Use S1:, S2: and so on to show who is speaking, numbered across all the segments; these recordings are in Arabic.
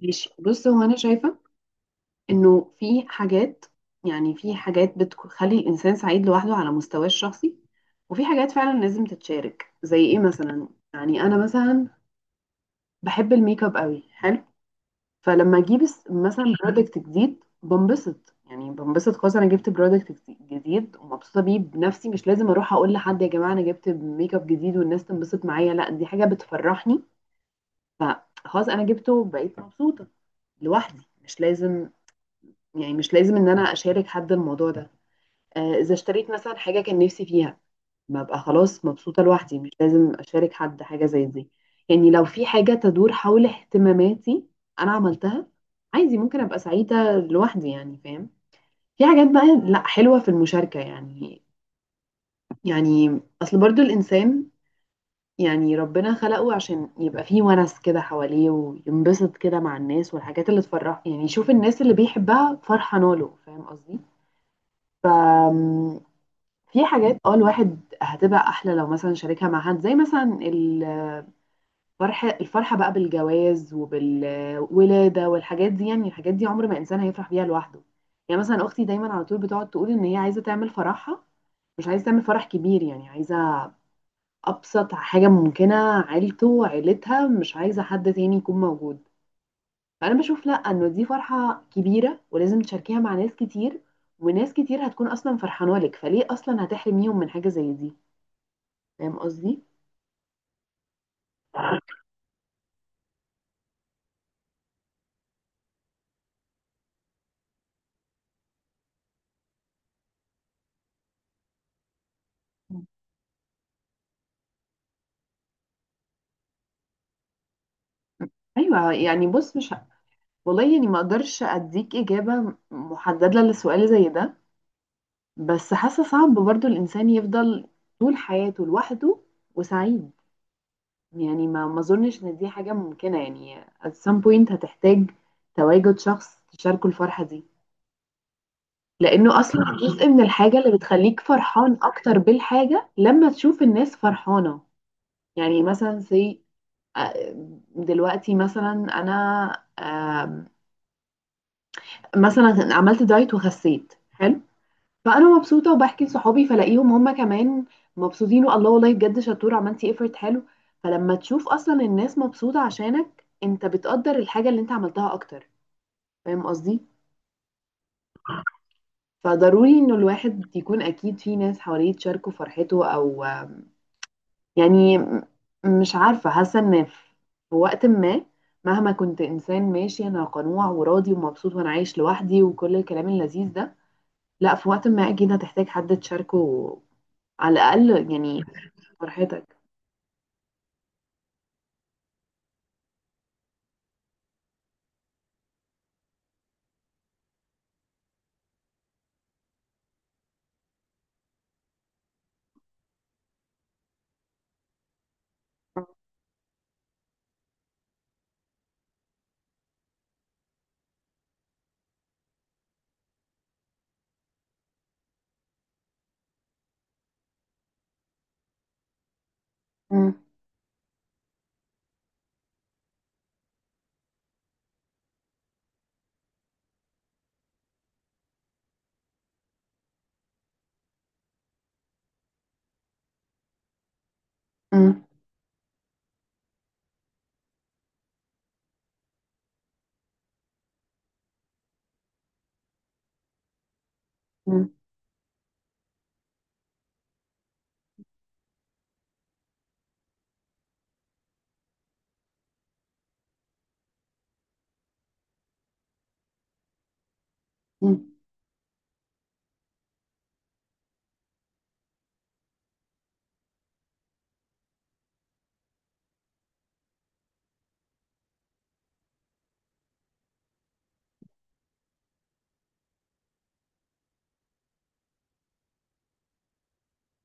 S1: ماشي، بص، هو انا شايفه انه في حاجات. يعني في حاجات بتخلي الانسان سعيد لوحده على مستواه الشخصي، وفي حاجات فعلا لازم تتشارك. زي ايه مثلا؟ يعني انا مثلا بحب الميك اب قوي حلو. فلما اجيب مثلا برودكت جديد بنبسط. يعني بنبسط خالص. انا جبت برودكت جديد ومبسوطه بيه بنفسي، مش لازم اروح اقول لحد يا جماعه انا جبت ميك اب جديد والناس تنبسط معايا. لا، دي حاجه بتفرحني. فخلاص انا جبته وبقيت مبسوطه لوحدي. مش لازم، يعني مش لازم ان انا اشارك حد الموضوع ده. اذا اشتريت مثلا حاجه كان نفسي فيها ببقى خلاص مبسوطه لوحدي، مش لازم اشارك حد حاجه زي دي. يعني لو في حاجه تدور حول اهتماماتي انا عملتها، عادي ممكن ابقى سعيده لوحدي. يعني فاهم؟ في حاجات بقى لا حلوه في المشاركه. يعني اصل برضو الانسان، يعني ربنا خلقه عشان يبقى فيه ونس كده حواليه وينبسط كده مع الناس والحاجات اللي تفرحه. يعني يشوف الناس اللي بيحبها فرحانه له. فاهم قصدي؟ في حاجات اه الواحد هتبقى احلى لو مثلا شاركها مع حد، زي مثلا الفرحه الفرحه بقى بالجواز وبالولاده والحاجات دي. يعني الحاجات دي عمر ما انسان هيفرح بيها لوحده. يعني مثلا اختي دايما على طول بتقعد تقول ان هي عايزه تعمل فرحها، مش عايزه تعمل فرح كبير. يعني عايزه ابسط حاجه ممكنه، عيلتها، مش عايزه حد تاني يكون موجود. فانا بشوف لا، انه دي فرحه كبيره ولازم تشاركيها مع ناس كتير، وناس كتير هتكون اصلا فرحانه لك، فليه اصلا هتحرميهم من حاجه زي دي؟ فاهم قصدي؟ ايوه يعني، بص، مش والله يعني ما اقدرش اديك اجابه محدده لسؤال زي ده. بس حاسه صعب برضو الانسان يفضل طول حياته لوحده وسعيد. يعني ما اظنش ان دي حاجه ممكنه. يعني at some point هتحتاج تواجد شخص تشاركه الفرحه دي، لانه اصلا جزء من الحاجه اللي بتخليك فرحان اكتر بالحاجه لما تشوف الناس فرحانه. يعني مثلا زي، آه، دلوقتي مثلا انا آه، مثلا عملت دايت وخسيت حلو. فانا مبسوطه وبحكي لصحابي فلاقيهم هم كمان مبسوطين. والله والله بجد شطوره، عملتي ايفورت حلو. فلما تشوف اصلا الناس مبسوطه عشانك انت بتقدر الحاجه اللي انت عملتها اكتر. فاهم قصدي؟ فضروري انه الواحد يكون اكيد في ناس حواليه تشاركه فرحته، او يعني مش عارفه. حاسه ان في وقت ما مهما كنت انسان ماشي، انا قنوع وراضي ومبسوط وانا عايش لوحدي وكل الكلام اللذيذ ده، لا، في وقت ما اكيد هتحتاج حد تشاركه على الاقل يعني فرحتك. مم. مم. مم. مم.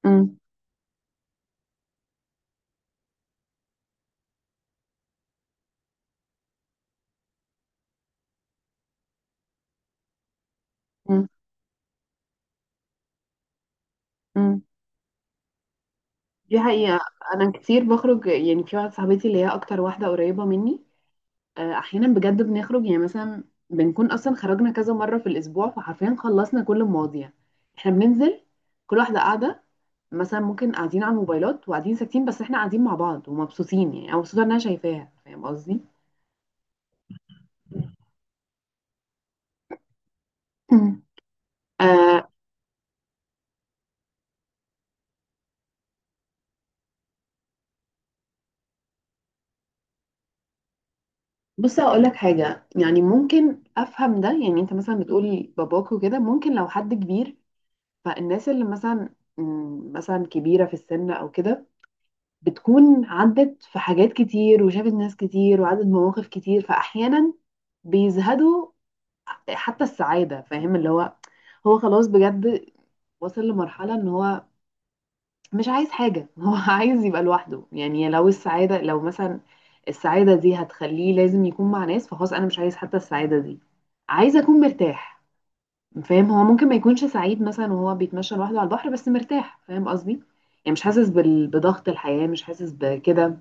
S1: مم. مم. مم. دي حقيقة. انا كتير بخرج، يعني في واحده صاحبتي اللي هي اكتر واحده قريبه مني، احيانا بجد بنخرج. يعني مثلا بنكون اصلا خرجنا كذا مره في الاسبوع فحرفيا خلصنا كل المواضيع. احنا بننزل، كل واحده قاعده، مثلا ممكن قاعدين على الموبايلات وقاعدين ساكتين، بس احنا قاعدين مع بعض ومبسوطين. يعني انا مبسوطه ان انا شايفاها. فاهم قصدي؟ مم. آه، بص، هقول لك حاجة. يعني ممكن أفهم ده. يعني أنت مثلا بتقول باباك وكده، ممكن لو حد كبير، فالناس اللي مثلا مثلا كبيرة في السن أو كده، بتكون عدت في حاجات كتير وشافت ناس كتير وعدت مواقف كتير، فأحيانا بيزهدوا حتى السعادة. فاهم؟ اللي هو، هو خلاص بجد وصل لمرحلة إن هو مش عايز حاجة هو عايز يبقى لوحده. يعني لو السعادة لو مثلا السعادة دي هتخليه لازم يكون مع ناس، فخلاص أنا مش عايز حتى السعادة دي، عايز أكون مرتاح. فاهم؟ هو ممكن ما يكونش سعيد مثلا وهو بيتمشى لوحده على البحر بس مرتاح. فاهم قصدي؟ يعني مش حاسس بضغط الحياة، مش حاسس بكده.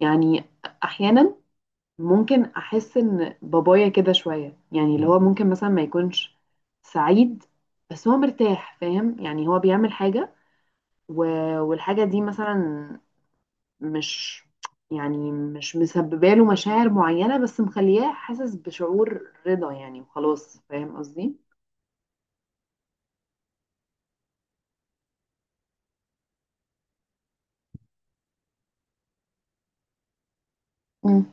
S1: يعني أحيانا ممكن أحس إن بابايا كده شوية، يعني اللي هو ممكن مثلا ما يكونش سعيد، بس هو مرتاح. فاهم؟ يعني هو بيعمل حاجة و... والحاجة دي مثلا مش، يعني مش مسببه له مشاعر معينة، بس مخلياه حاسس بشعور رضا يعني. وخلاص. فاهم قصدي؟ مم.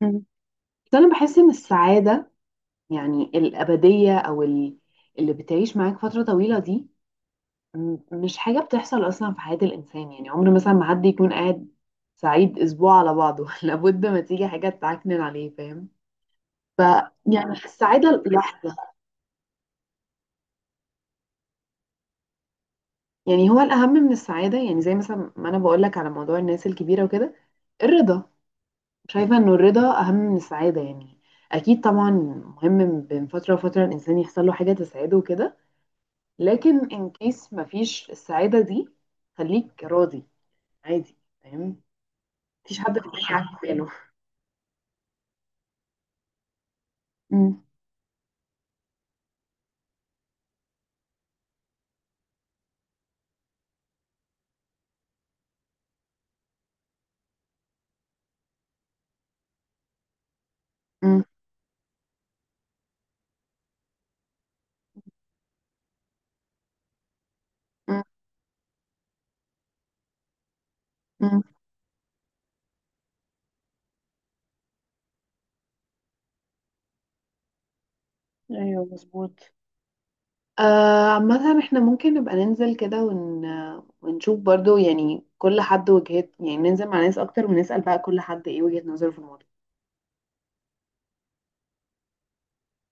S1: مم. بس انا بحس ان السعادة، يعني الأبدية او اللي بتعيش معاك فترة طويلة دي، مش حاجة بتحصل اصلا في حياة الانسان. يعني عمر مثلا ما حد يكون قاعد سعيد اسبوع على بعضه لابد ما تيجي حاجة تعكنن عليه. فاهم؟ ف يعني السعادة لحظة. يعني هو الأهم من السعادة، يعني زي مثلا ما أنا بقولك على موضوع الناس الكبيرة وكده، الرضا. شايفة إنه الرضا أهم من السعادة. يعني أكيد طبعا مهم بين فترة وفترة الإنسان يحصل له حاجة تسعده وكده، لكن إن كيس مفيش السعادة دي، خليك راضي، عادي. فاهم؟ مفيش حد بيضايقك في حاله. أمم، أمم، أمم، أمم. ايوه مظبوط. عامة احنا ممكن نبقى ننزل كده ونشوف برضو، يعني كل حد وجهات، يعني ننزل مع ناس اكتر ونسأل بقى كل حد ايه وجهة نظره في الموضوع.